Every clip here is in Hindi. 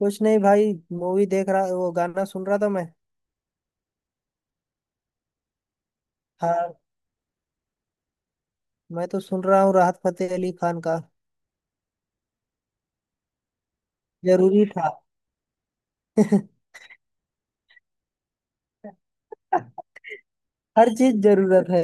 कुछ नहीं भाई। मूवी देख रहा, वो गाना सुन रहा था मैं। हाँ, मैं तो सुन रहा हूँ राहत फतेह अली खान का। जरूरी था। हर चीज जरूरत है।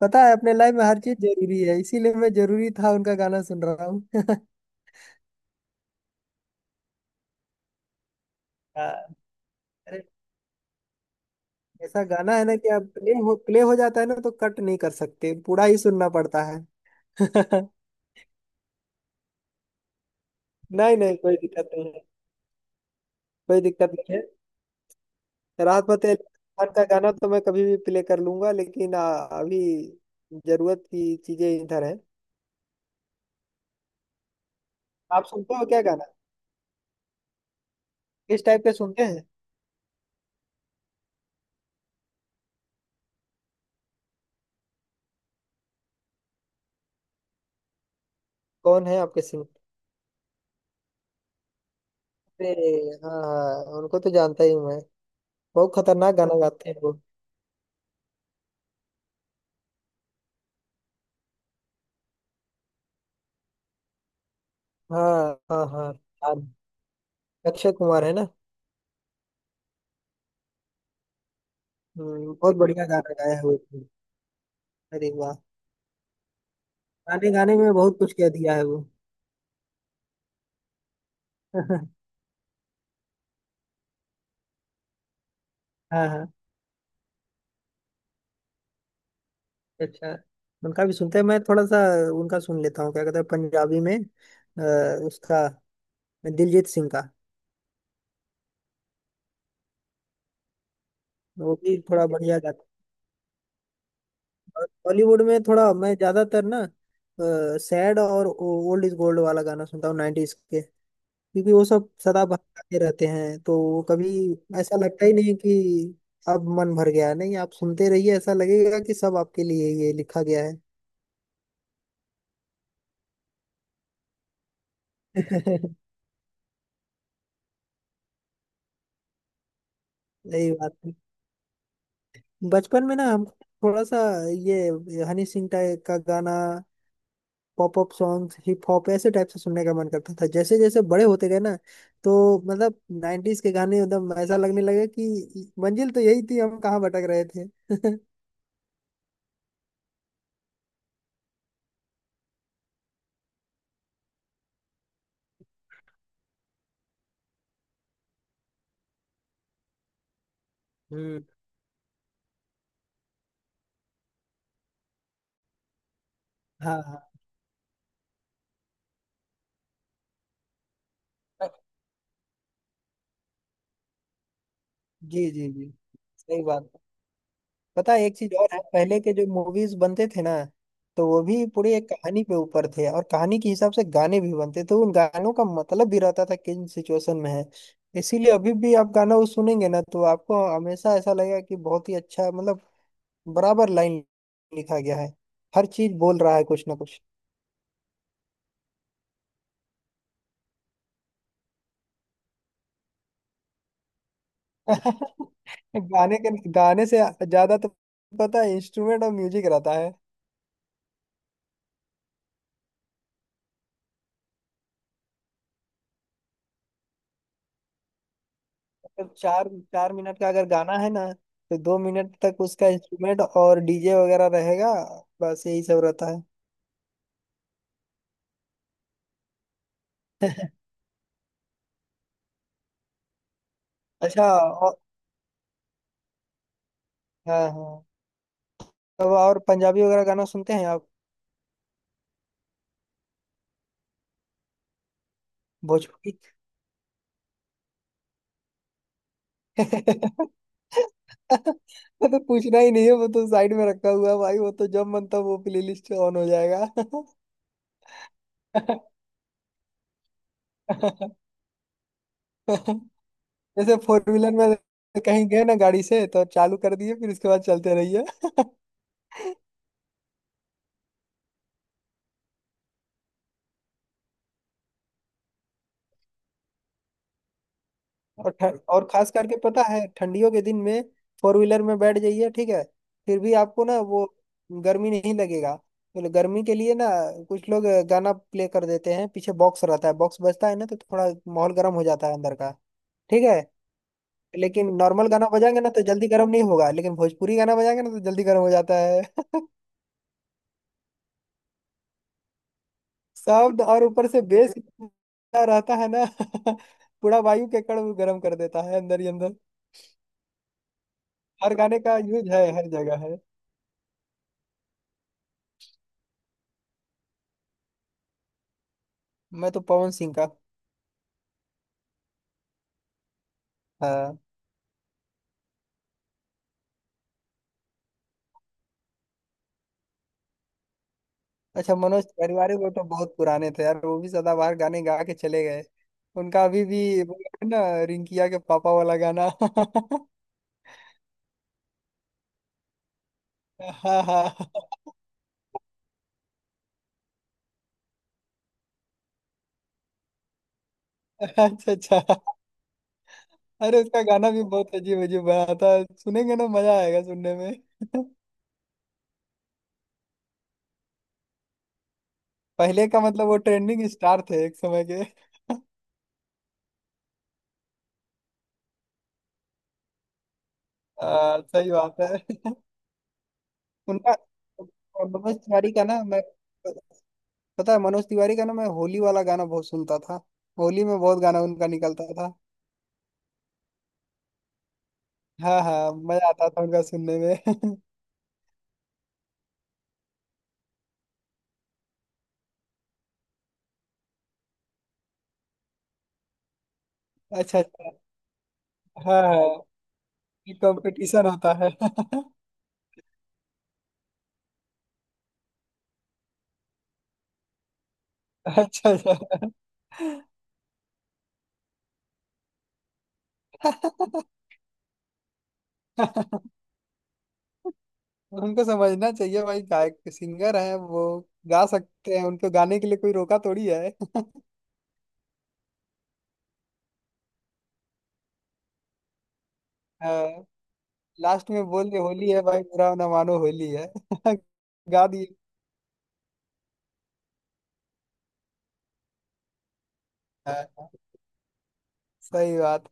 पता है अपने लाइफ में हर चीज जरूरी है, इसीलिए मैं जरूरी था उनका गाना सुन रहा हूँ। हाँ, अरे ऐसा गाना है ना कि आप प्ले हो जाता है ना, तो कट नहीं कर सकते, पूरा ही सुनना पड़ता है। नहीं नहीं, कोई दिक्कत नहीं है। कोई दिक्कत नहीं है। राहत फतेह अली खान का गाना तो मैं कभी भी प्ले कर लूंगा, लेकिन अभी जरूरत की चीजें इधर है। आप सुनते हो क्या गाना? किस टाइप के सुनते हैं? कौन है आपके सिंगर? अरे हाँ हाँ, उनको तो जानता ही हूँ मैं। बहुत खतरनाक गाना गाते हैं वो। हाँ हाँ हाँ। हाँ, अक्षय कुमार है ना। बहुत बढ़िया गाना गाया है वो। अरे वाह! गाने गाने में बहुत कुछ कह दिया है वो। हाँ हाँ। अच्छा, उनका भी सुनते हैं मैं थोड़ा सा। उनका सुन लेता हूँ, क्या कहते हैं पंजाबी में उसका, मैं दिलजीत सिंह का। वो भी थोड़ा बढ़िया गाता है। बॉलीवुड में थोड़ा मैं ज्यादातर ना सैड और ओल्ड इज गोल्ड वाला गाना सुनता हूँ 90s के, क्योंकि वो सब सदा बहकाते रहते हैं, तो वो कभी ऐसा लगता ही नहीं कि अब मन भर गया है। नहीं, आप सुनते रहिए, ऐसा लगेगा कि सब आपके लिए ये लिखा गया है। यही बात है। बचपन में ना हम थोड़ा सा ये हनी सिंह टाइप का गाना, pop up songs, hip hop, ऐसे टाइप से सुनने का मन करता था। जैसे जैसे बड़े होते गए ना, तो मतलब नाइन्टीज के गाने एकदम ऐसा लगने लगा कि मंजिल तो यही थी, हम कहाँ भटक रहे थे। हम्म। हाँ हाँ। जी जी जी, सही बात। पता है एक चीज और है, पहले के जो मूवीज बनते थे ना, तो वो भी पूरी एक कहानी पे ऊपर थे, और कहानी के हिसाब से गाने भी बनते थे। उन गानों का मतलब भी रहता था किन सिचुएशन में है। इसीलिए अभी भी आप गाना वो सुनेंगे ना, तो आपको हमेशा ऐसा लगेगा कि बहुत ही अच्छा, मतलब बराबर लाइन लिखा गया है। हर चीज बोल रहा है कुछ ना कुछ। गाने के गाने से ज्यादा तो, पता है, इंस्ट्रूमेंट और म्यूजिक रहता है। तो चार चार मिनट का अगर गाना है ना, तो 2 मिनट तक उसका इंस्ट्रूमेंट और डीजे वगैरह रहेगा। बस यही सब रहता है। अच्छा, और हाँ हाँ, तो और पंजाबी वगैरह गाना सुनते हैं आप? भोजपुरी। वो तो पूछना ही नहीं है, वो तो साइड में रखा हुआ है भाई, वो तो जब मन तब वो प्लेलिस्ट ऑन हो जाएगा। जैसे फोर व्हीलर में कहीं गए ना गाड़ी से, तो चालू कर दिए, फिर उसके बाद चलते रहिए। और और खास करके पता है, ठंडियों के दिन में फोर व्हीलर में बैठ जाइए, ठीक है, फिर भी आपको ना वो गर्मी नहीं लगेगा। तो गर्मी के लिए ना कुछ लोग गाना प्ले कर देते हैं, पीछे बॉक्स रहता है, बॉक्स बजता है ना, तो थोड़ा माहौल गर्म हो जाता है अंदर का। ठीक है, लेकिन नॉर्मल गाना बजाएंगे ना तो जल्दी गर्म नहीं होगा, लेकिन भोजपुरी गाना बजाएंगे ना तो जल्दी गर्म हो जाता। शब्द और ऊपर से बेस इतना रहता है ना। पूरा वायु के कण वो गर्म कर देता है अंदर ही अंदर। हर गाने का यूज है, हर जगह है। मैं तो पवन सिंह का। हाँ, अच्छा, मनोज परिवार, वो तो बहुत पुराने थे यार, वो भी सदाबहार गाने गा के चले गए। उनका अभी भी वो है ना, रिंकिया के पापा वाला गाना। हाँ हाँ। अच्छा अच्छा। अरे उसका गाना भी बहुत अजीब अजीब बना था। सुनेंगे ना, मजा आएगा सुनने में। पहले का मतलब वो ट्रेंडिंग स्टार थे एक समय के। सही बात है। उनका मनोज तिवारी का ना मैं, पता है मनोज तिवारी का ना मैं होली वाला गाना बहुत सुनता था। होली में बहुत गाना उनका निकलता था। हाँ हाँ, मजा आता था उनका सुनने में। अच्छा अच्छा। हाँ हाँ, ये कंपटीशन होता है। अच्छा अच्छा। उनको समझना चाहिए भाई, गायक सिंगर हैं वो, गा सकते हैं, उनको गाने के लिए कोई रोका थोड़ी है। लास्ट में बोल दे, होली है भाई, बुरा ना मानो होली है। गा दिए। हाँ, सही बात।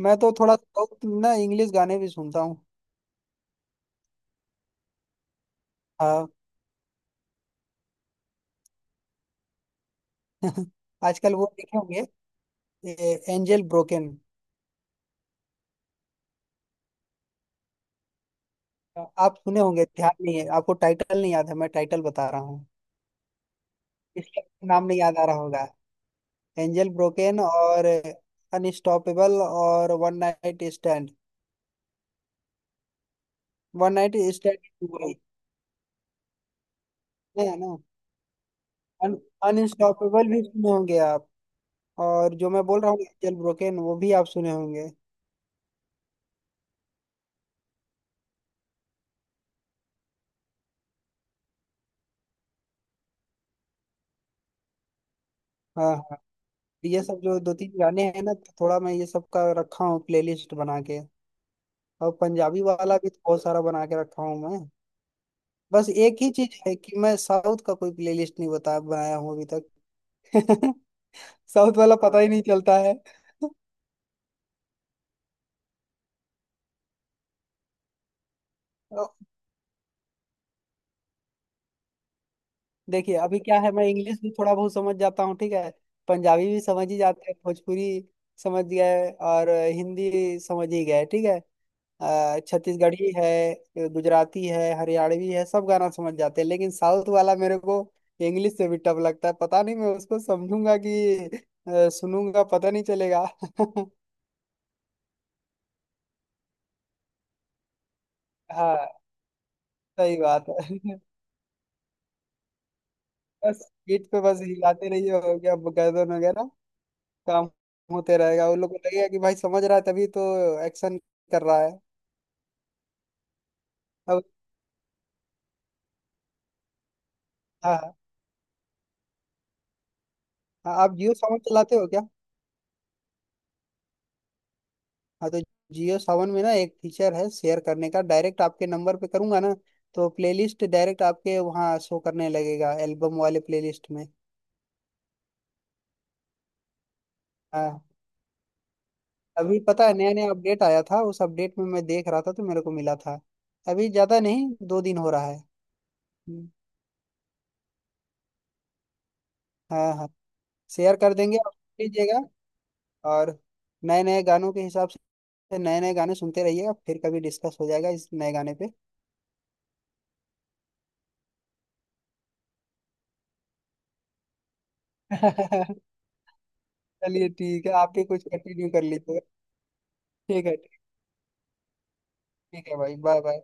मैं तो थोड़ा बहुत ना इंग्लिश गाने भी सुनता हूँ। हाँ। आजकल वो देखे होंगे, एंजल ब्रोकन। आप सुने होंगे, ध्यान नहीं है आपको, टाइटल नहीं याद है, मैं टाइटल बता रहा हूँ, इसलिए नाम नहीं याद आ रहा होगा। एंजल ब्रोकन और अनस्टॉपेबल और one night stand. One night stand है ना। अन, अनस्टॉपेबल भी सुने होंगे आप, और जो मैं बोल रहा हूँ एंजल ब्रोकेन वो भी आप सुने होंगे। हाँ हाँ। ये सब जो 2-3 गाने हैं ना, तो थोड़ा मैं ये सब का रखा हूँ प्लेलिस्ट बना के। और पंजाबी वाला भी तो बहुत सारा बना के रखा हूँ मैं। बस एक ही चीज है कि मैं साउथ का कोई प्लेलिस्ट नहीं बता बनाया हूँ अभी तक। साउथ वाला पता ही नहीं चलता है। तो देखिए अभी क्या है, मैं इंग्लिश भी थोड़ा बहुत समझ जाता हूँ, ठीक है, पंजाबी भी समझ ही जाते हैं, भोजपुरी समझ गए, और हिंदी समझ ही गए, ठीक है। छत्तीसगढ़ी है, गुजराती है, हरियाणवी है, सब गाना समझ जाते हैं, लेकिन साउथ वाला मेरे को इंग्लिश से भी टफ लगता है, पता नहीं मैं उसको समझूंगा कि सुनूंगा पता नहीं चलेगा। हाँ, सही बात है। बस पीठ पे बस हिलाते रहिए, हो गया गर्दन वगैरह, काम होते रहेगा। उन लोग को लगेगा कि भाई समझ रहा है, तभी तो एक्शन कर रहा है। अब हाँ हाँ, आप जियो साउंड चलाते हो? हाँ, तो जियो सावन में ना एक फीचर है शेयर करने का, डायरेक्ट आपके नंबर पे करूंगा ना, तो प्लेलिस्ट डायरेक्ट आपके वहाँ शो करने लगेगा, एल्बम वाले प्लेलिस्ट में। हाँ, अभी पता है नया नया अपडेट आया था, उस अपडेट में मैं देख रहा था तो मेरे को मिला था। अभी ज़्यादा नहीं, 2 दिन हो रहा है। हम्म, हाँ हाँ। शेयर कर देंगे, आप सुन लीजिएगा, और नए नए गानों के हिसाब से नए नए गाने सुनते रहिएगा, फिर कभी डिस्कस हो जाएगा इस नए गाने पे। चलिए ठीक है, आप भी कुछ कंटिन्यू कर लीजिएगा। ठीक है। ठीक है भाई, बाय बाय।